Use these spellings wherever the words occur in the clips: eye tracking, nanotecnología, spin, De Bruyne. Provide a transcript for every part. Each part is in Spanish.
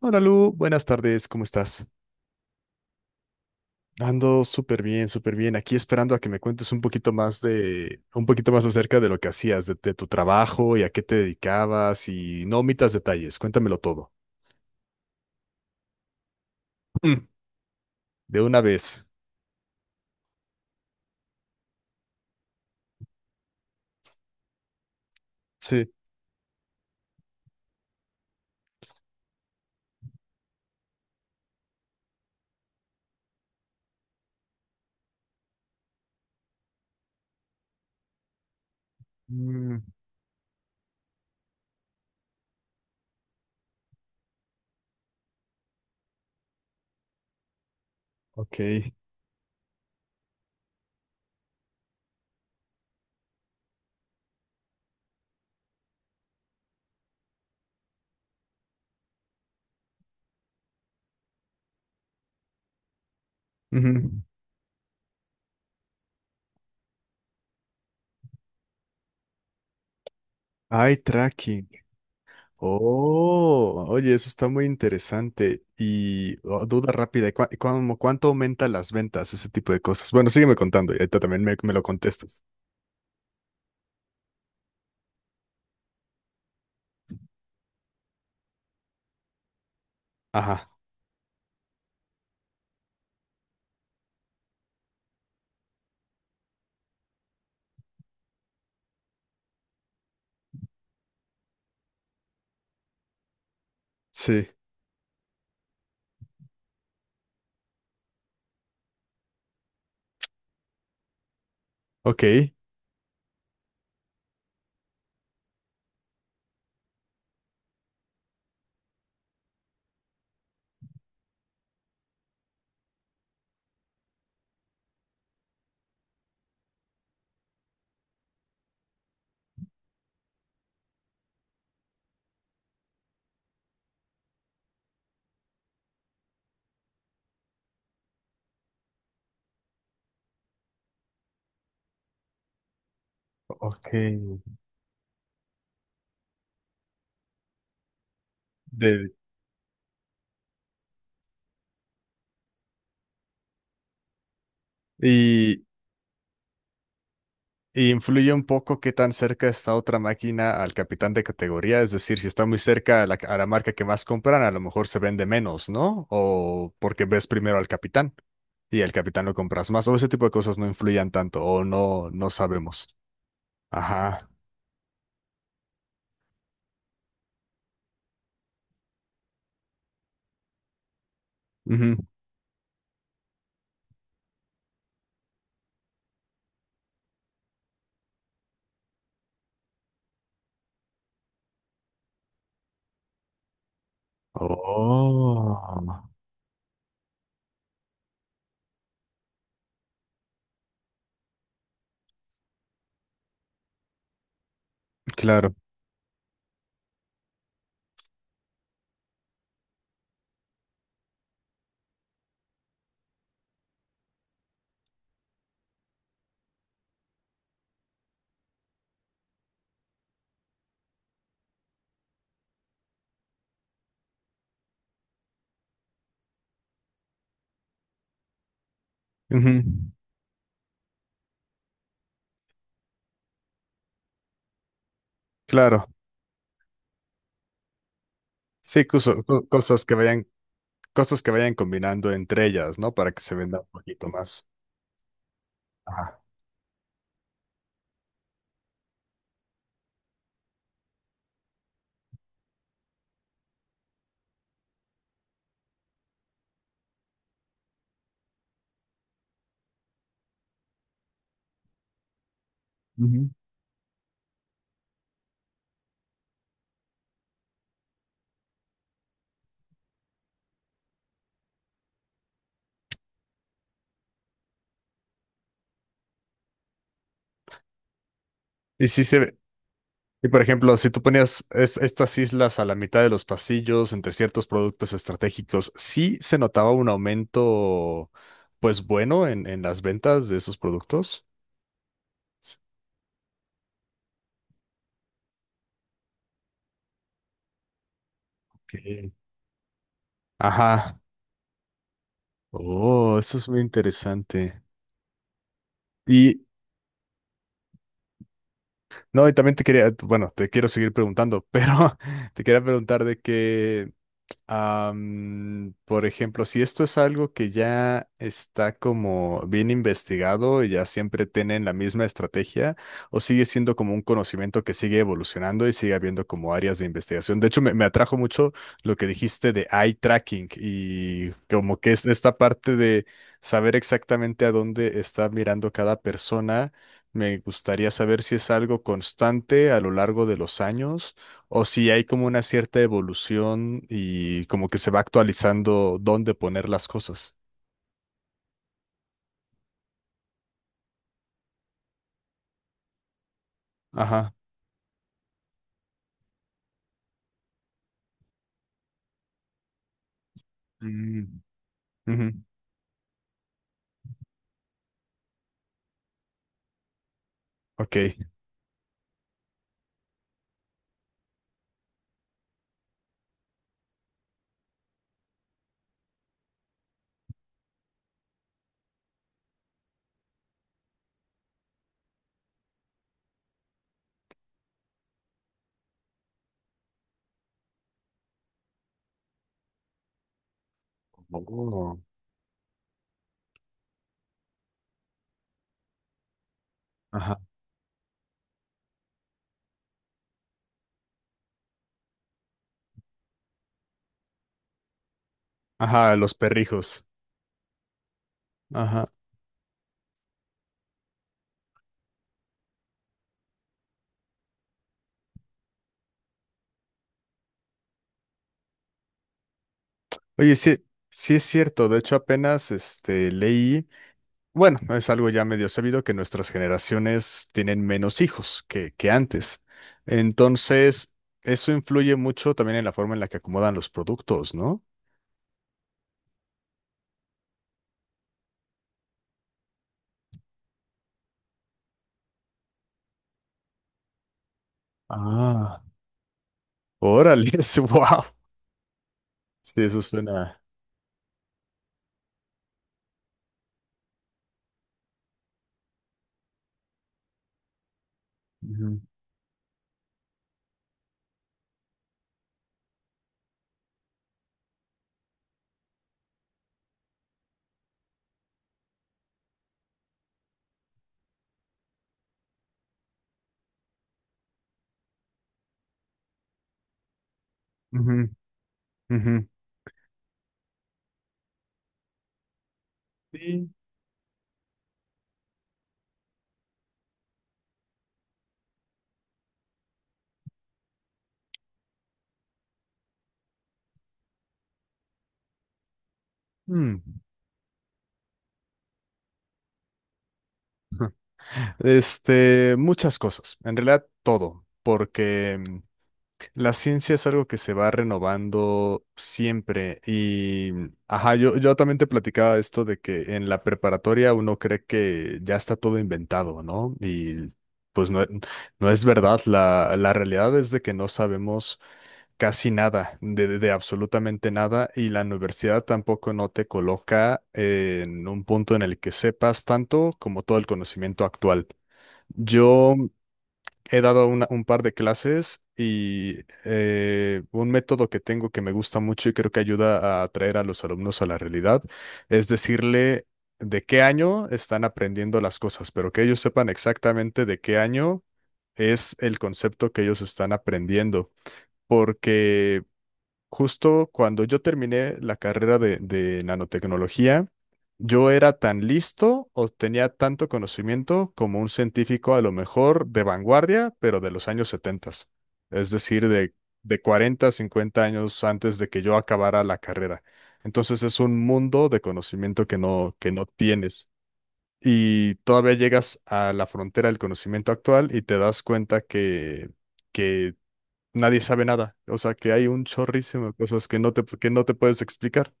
Hola Lu, buenas tardes, ¿cómo estás? Ando súper bien, súper bien. Aquí esperando a que me cuentes un poquito más un poquito más acerca de lo que hacías, de tu trabajo y a qué te dedicabas y no omitas detalles, cuéntamelo todo. Mm. De una vez. Sí. Mm, ok. Ujú. Eye tracking. Oh, oye, eso está muy interesante. Y oh, duda rápida, ¿ cuánto aumenta las ventas, ese tipo de cosas? Bueno, sígueme contando y ahorita también me lo contestas. Ajá, sí. Ok. Ok. de- y, y influye un poco qué tan cerca está otra máquina al capitán de categoría, es decir, si está muy cerca a a la marca que más compran, a lo mejor se vende menos, ¿no? O porque ves primero al capitán y al capitán lo compras más, o ese tipo de cosas no influyen tanto, o no, no sabemos. Ajá. Ujú. Oh. Claro, ujú. Claro, sí, cosas que vayan combinando entre ellas, ¿no? Para que se venda un poquito más. Ajá. Ujú. Y sí se ve. Y por ejemplo, si tú ponías estas islas a la mitad de los pasillos, entre ciertos productos estratégicos, sí se notaba un aumento, pues bueno, en las ventas de esos productos. S- Ok. Ajá. Oh, eso es muy interesante. Y no, y también te quería, bueno, te quiero seguir preguntando, pero te quería preguntar de que por ejemplo, si esto es algo que ya está como bien investigado y ya siempre tienen la misma estrategia, o sigue siendo como un conocimiento que sigue evolucionando y sigue habiendo como áreas de investigación. De hecho, me atrajo mucho lo que dijiste de eye tracking y como que es esta parte de saber exactamente a dónde está mirando cada persona. Me gustaría saber si es algo constante a lo largo de los años o si hay como una cierta evolución y como que se va actualizando dónde poner las cosas. Ajá. Mm. Ujú. Ok. Oh. Ajá. Ajá, los perrijos. Ajá. Oye, sí, sí es cierto. De hecho, apenas este leí, bueno, es algo ya medio sabido que nuestras generaciones tienen menos hijos que antes. Entonces, eso influye mucho también en la forma en la que acomodan los productos, ¿no? Ah. Órale, wow. Sí, eso suena. Ujú, ujú, ujú. Sí. Mm. Este, muchas cosas, en realidad todo, porque la ciencia es algo que se va renovando siempre y, ajá, yo también te platicaba esto de que en la preparatoria uno cree que ya está todo inventado, ¿no? Y pues no, no es verdad, la realidad es de que no sabemos casi nada, de absolutamente nada, y la universidad tampoco no te coloca en un punto en el que sepas tanto como todo el conocimiento actual. Yo he dado un par de clases y un método que tengo que me gusta mucho y creo que ayuda a atraer a los alumnos a la realidad es decirle de qué año están aprendiendo las cosas, pero que ellos sepan exactamente de qué año es el concepto que ellos están aprendiendo porque justo cuando yo terminé la carrera de nanotecnología, yo era tan listo o tenía tanto conocimiento como un científico a lo mejor de vanguardia, pero de los años 70, es decir, de 40, 50 años antes de que yo acabara la carrera. Entonces es un mundo de conocimiento que no tienes. Y todavía llegas a la frontera del conocimiento actual y te das cuenta que nadie sabe nada. O sea, que hay un chorrísimo de cosas que no te puedes explicar.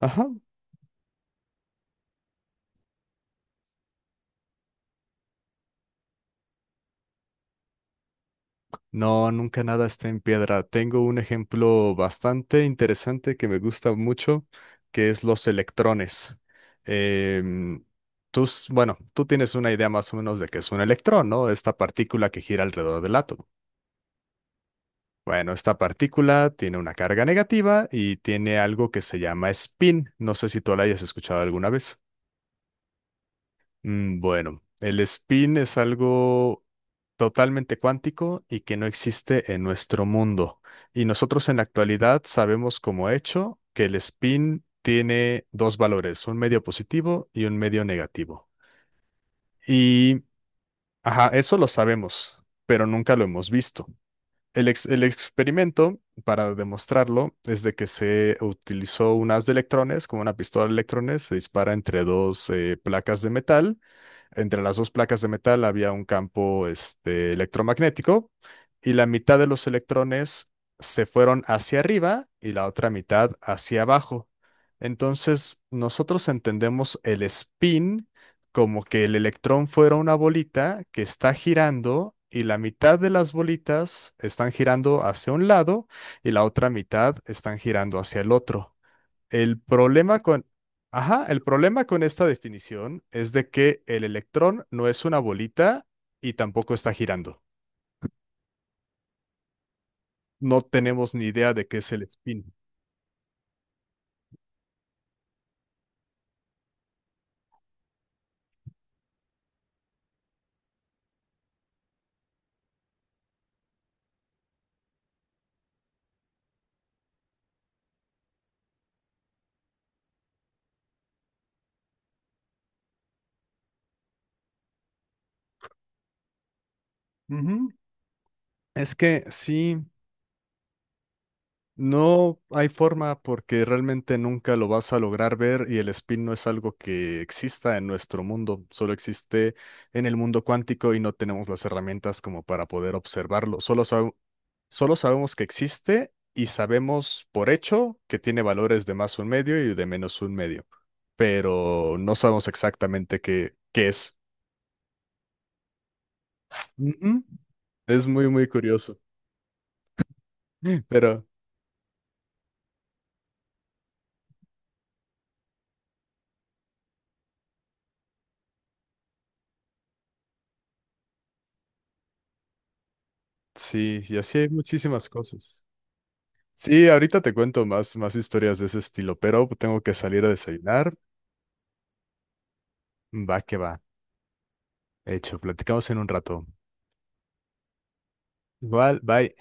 Ajá. No, nunca nada está en piedra. Tengo un ejemplo bastante interesante que me gusta mucho, que es los electrones. Em, tú, bueno, tú tienes una idea más o menos de qué es un electrón, ¿no? Esta partícula que gira alrededor del átomo. Bueno, esta partícula tiene una carga negativa y tiene algo que se llama spin. No sé si tú la hayas escuchado alguna vez. Mm. Bueno, el spin es algo totalmente cuántico y que no existe en nuestro mundo. Y nosotros en la actualidad sabemos como hecho que el spin tiene dos valores, un medio positivo y un medio negativo. Y, ajá, eso lo sabemos, pero nunca lo hemos visto. El experimento, para demostrarlo, es de que se utilizó un haz de electrones, como una pistola de electrones, se dispara entre dos placas de metal. Entre las dos placas de metal había un campo este, electromagnético y la mitad de los electrones se fueron hacia arriba y la otra mitad hacia abajo. Entonces, nosotros entendemos el spin como que el electrón fuera una bolita que está girando y la mitad de las bolitas están girando hacia un lado y la otra mitad están girando hacia el otro. El problema con, ajá, el problema con esta definición es de que el electrón no es una bolita y tampoco está girando. No tenemos ni idea de qué es el spin. Ujú. Es que sí, no hay forma porque realmente nunca lo vas a lograr ver y el spin no es algo que exista en nuestro mundo, solo existe en el mundo cuántico y no tenemos las herramientas como para poder observarlo. Solo sabemos que existe y sabemos por hecho que tiene valores de más un medio y de menos un medio, pero no sabemos exactamente qué, qué es. Ujú. Es muy, muy curioso, pero sí, y así hay muchísimas cosas. Sí, ahorita te cuento más, más historias de ese estilo, pero tengo que salir a desayunar. Va que va. Hecho, platicamos en un rato. Igual, bye.